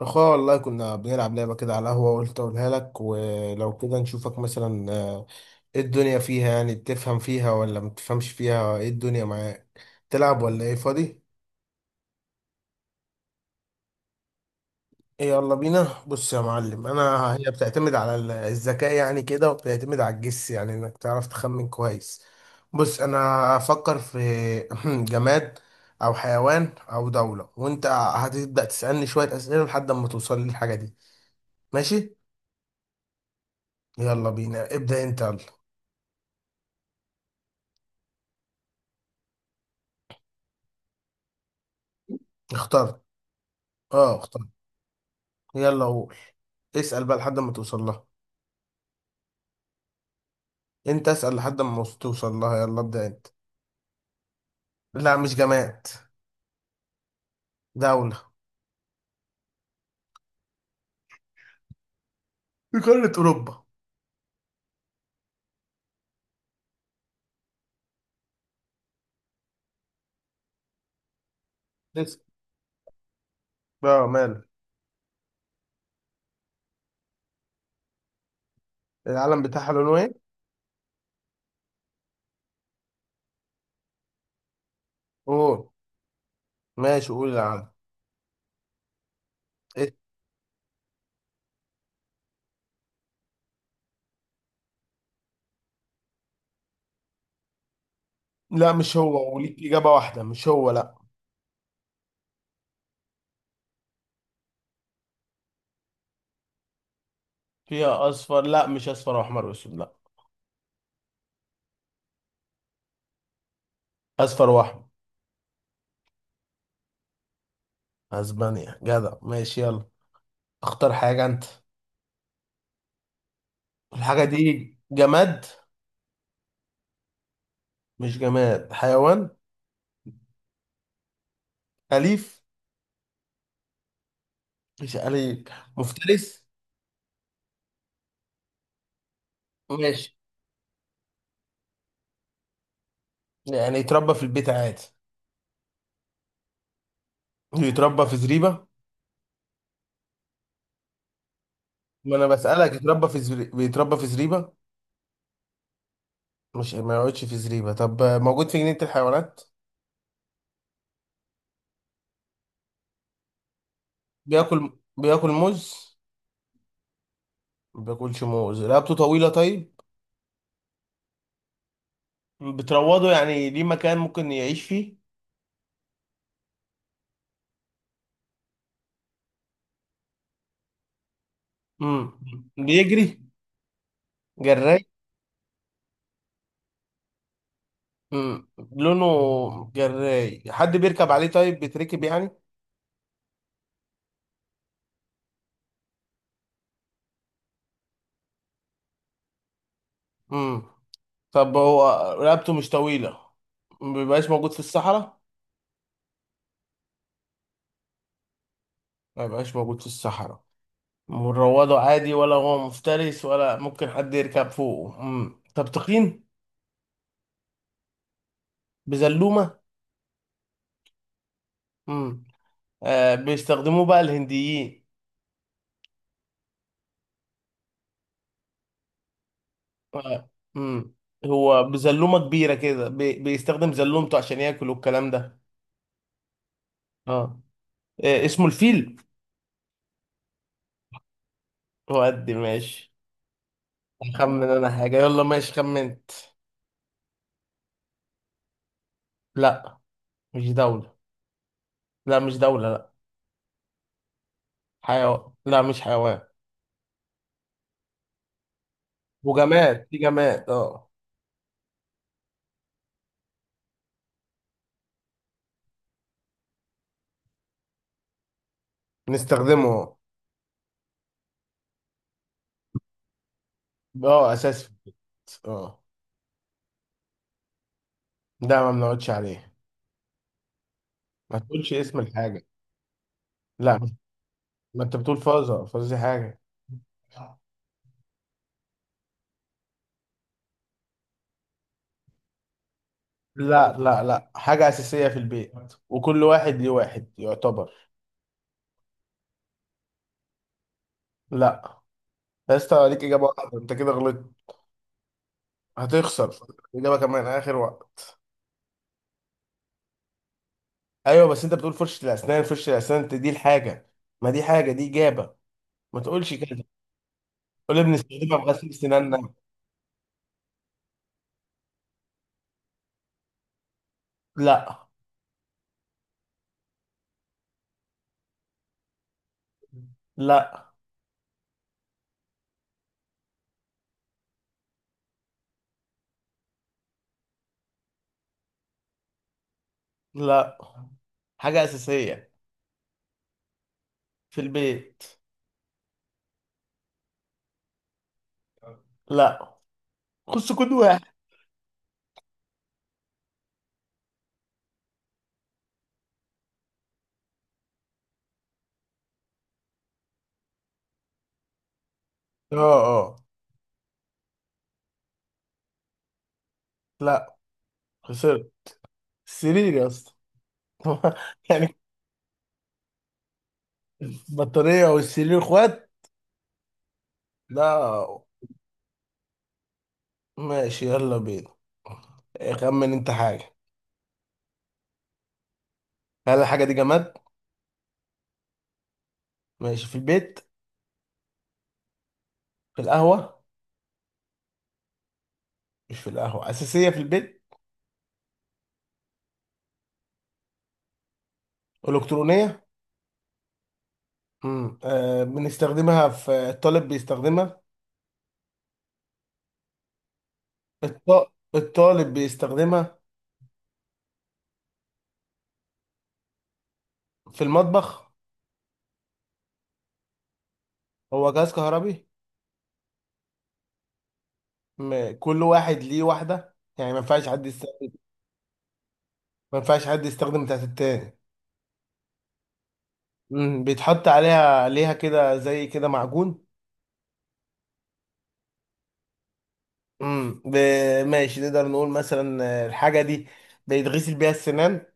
اخويا والله كنا بنلعب لعبة كده على القهوة، وقلت اقولها لك ولو كده نشوفك مثلا. ايه الدنيا فيها؟ يعني بتفهم فيها ولا ما بتفهمش فيها؟ ايه الدنيا معاك، تلعب ولا ايه؟ فاضي؟ ايه، يلا بينا. بص يا معلم، انا هي بتعتمد على الذكاء يعني كده، وبتعتمد على الجس يعني انك تعرف تخمن كويس. بص انا هفكر في جماد او حيوان او دولة، وانت هتبدأ تسألني شوية اسئلة لحد ما توصل للحاجة دي. ماشي، يلا بينا، ابدأ انت يلا. اخترت. اه اخترت. يلا قول، اسأل بقى لحد ما توصل لها. انت اسأل لحد ما توصل لها، يلا ابدأ انت. لا مش جماد. دولة. في قارة أوروبا. اسأل، اه ماله. العلم بتاعها لونه ايه؟ قول، ماشي قول العلم. إيه؟ لا مش هو، وليك إجابة واحدة، مش هو لا. فيها أصفر، لا مش أصفر وأحمر وأسود، لا. أصفر وأحمر. أسبانيا، جدع، ماشي يلا. اختار حاجة أنت. الحاجة دي جماد؟ مش جماد، حيوان. أليف؟ مش عليك. مفترس؟ ماشي. يعني يتربى في البيت عادي؟ يتربى في زريبة؟ ما انا بسألك، يتربى في بيتربى في زريبة؟ مش ما يقعدش في زريبة؟ طب موجود في جنينة الحيوانات؟ بياكل موز؟ ما بياكلش موز، رقبته طويلة، طيب بتروضه يعني، ليه مكان ممكن يعيش فيه؟ امم، بيجري؟ جراي؟ امم، لونه جراي؟ حد بيركب عليه؟ طيب بيتركب يعني؟ امم، طب هو رقبته مش طويلة؟ ما بيبقاش موجود في الصحراء؟ ما بيبقاش موجود في الصحراء. مروضه عادي، ولا هو مفترس، ولا ممكن حد يركب فوقه؟ طب تخين؟ بزلومة؟ مم. بيستخدموه بقى الهنديين؟ آه. مم. هو بزلومة كبيرة كده، بيستخدم زلومته عشان ياكل والكلام ده. اه، اسمه الفيل. هو قد ماشي. خمن انا حاجة، يلا ماشي. خمنت. لا مش دولة. لا مش دولة لا. حيوان؟ لا مش حيوان. وجماد، في جماد اه. نستخدمه اه. اه، اساس في البيت. اه. ده ما بنقعدش عليه. ما تقولش اسم الحاجة. لا، ما انت بتقول فازة، فازة دي حاجة. لا لا لا، حاجة أساسية في البيت، وكل واحد ليه واحد يعتبر. لا، يا اسطى ليك إجابة واحدة، أنت كده غلطت. هتخسر. إجابة كمان آخر وقت. أيوه بس أنت بتقول فرشة الأسنان، فرشة الأسنان أنت دي الحاجة، ما دي حاجة دي إجابة، ما تقولش كده. قول بنستخدمها في غسيل سناننا. لا. لا. لا حاجة أساسية في البيت. لا، خش كود واحد. اه. اه. لا خسرت، السرير يا اسطى. يعني البطارية والسرير اخوات؟ لا. ماشي يلا بينا، خمن انت حاجة. هل الحاجة دي جماد؟ ماشي، في البيت؟ في القهوة؟ مش في القهوة، أساسية في البيت. إلكترونية؟ امم، آه بنستخدمها في الطالب، بيستخدمها؟ الطالب بيستخدمها؟ في المطبخ؟ هو جهاز كهربي؟ كل واحد ليه واحدة، يعني ما ينفعش حد يستخدم، ما ينفعش حد يستخدم بتاعت التاني. امم، بيتحط عليها كده زي كده معجون. امم، ماشي نقدر نقول مثلا، الحاجة دي بيتغسل بيها السنان.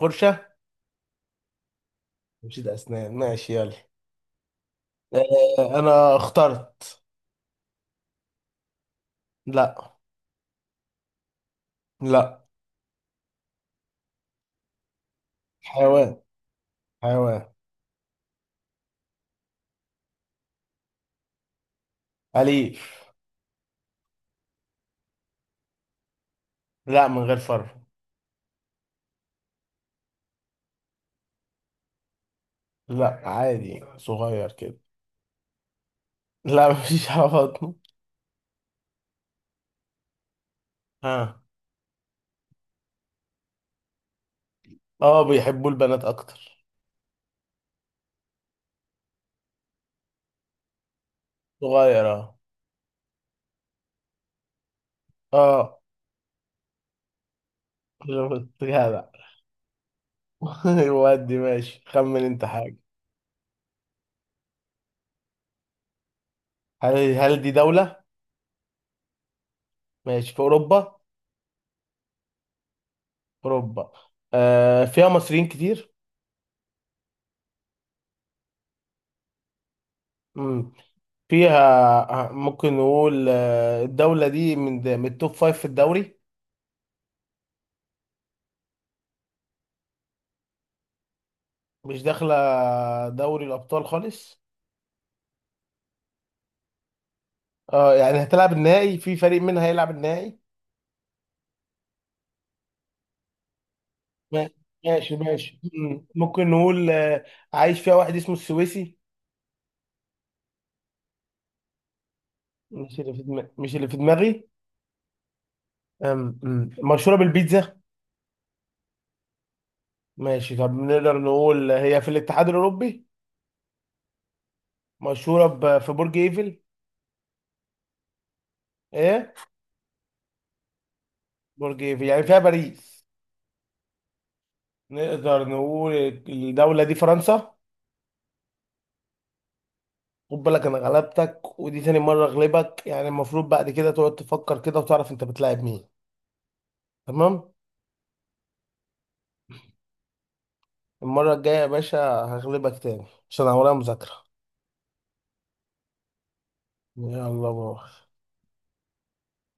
فرشة. مش ده أسنان، ماشي يلا. أنا اخترت. لا. لا. حيوان. حيوان أليف. لا، من غير فرو. لا، عادي صغير كده. لا، مفيش على بطنه. ها. اه، بيحبوا البنات أكتر. صغير اه. اه. شفت جدع. ودي ماشي، خمن انت حاجة. هل دي دولة؟ ماشي، في أوروبا؟ أوروبا. آه، فيها مصريين كتير؟ مم. فيها، ممكن نقول الدولة دي من من التوب فايف في الدوري؟ مش داخلة دوري الأبطال خالص؟ اه، يعني هتلعب النهائي، في فريق منها هيلعب النهائي؟ ما- ماشي ماشي. ممكن نقول عايش فيها واحد اسمه السويسي؟ مش اللي في دماغي، مش اللي في دماغي. أم- مشهورة بالبيتزا؟ ماشي، طب نقدر نقول هي في الاتحاد الأوروبي، مشهورة في برج إيفل؟ إيه؟ برج إيفل يعني فيها باريس. نقدر نقول الدولة دي فرنسا. خد بالك، أنا غلبتك، ودي تاني مرة أغلبك، يعني المفروض بعد كده تقعد تفكر كده وتعرف أنت بتلاعب مين. تمام؟ المرة الجاية يا باشا هغلبك تاني، عشان أنا ورايا مذاكرة. يلا باي.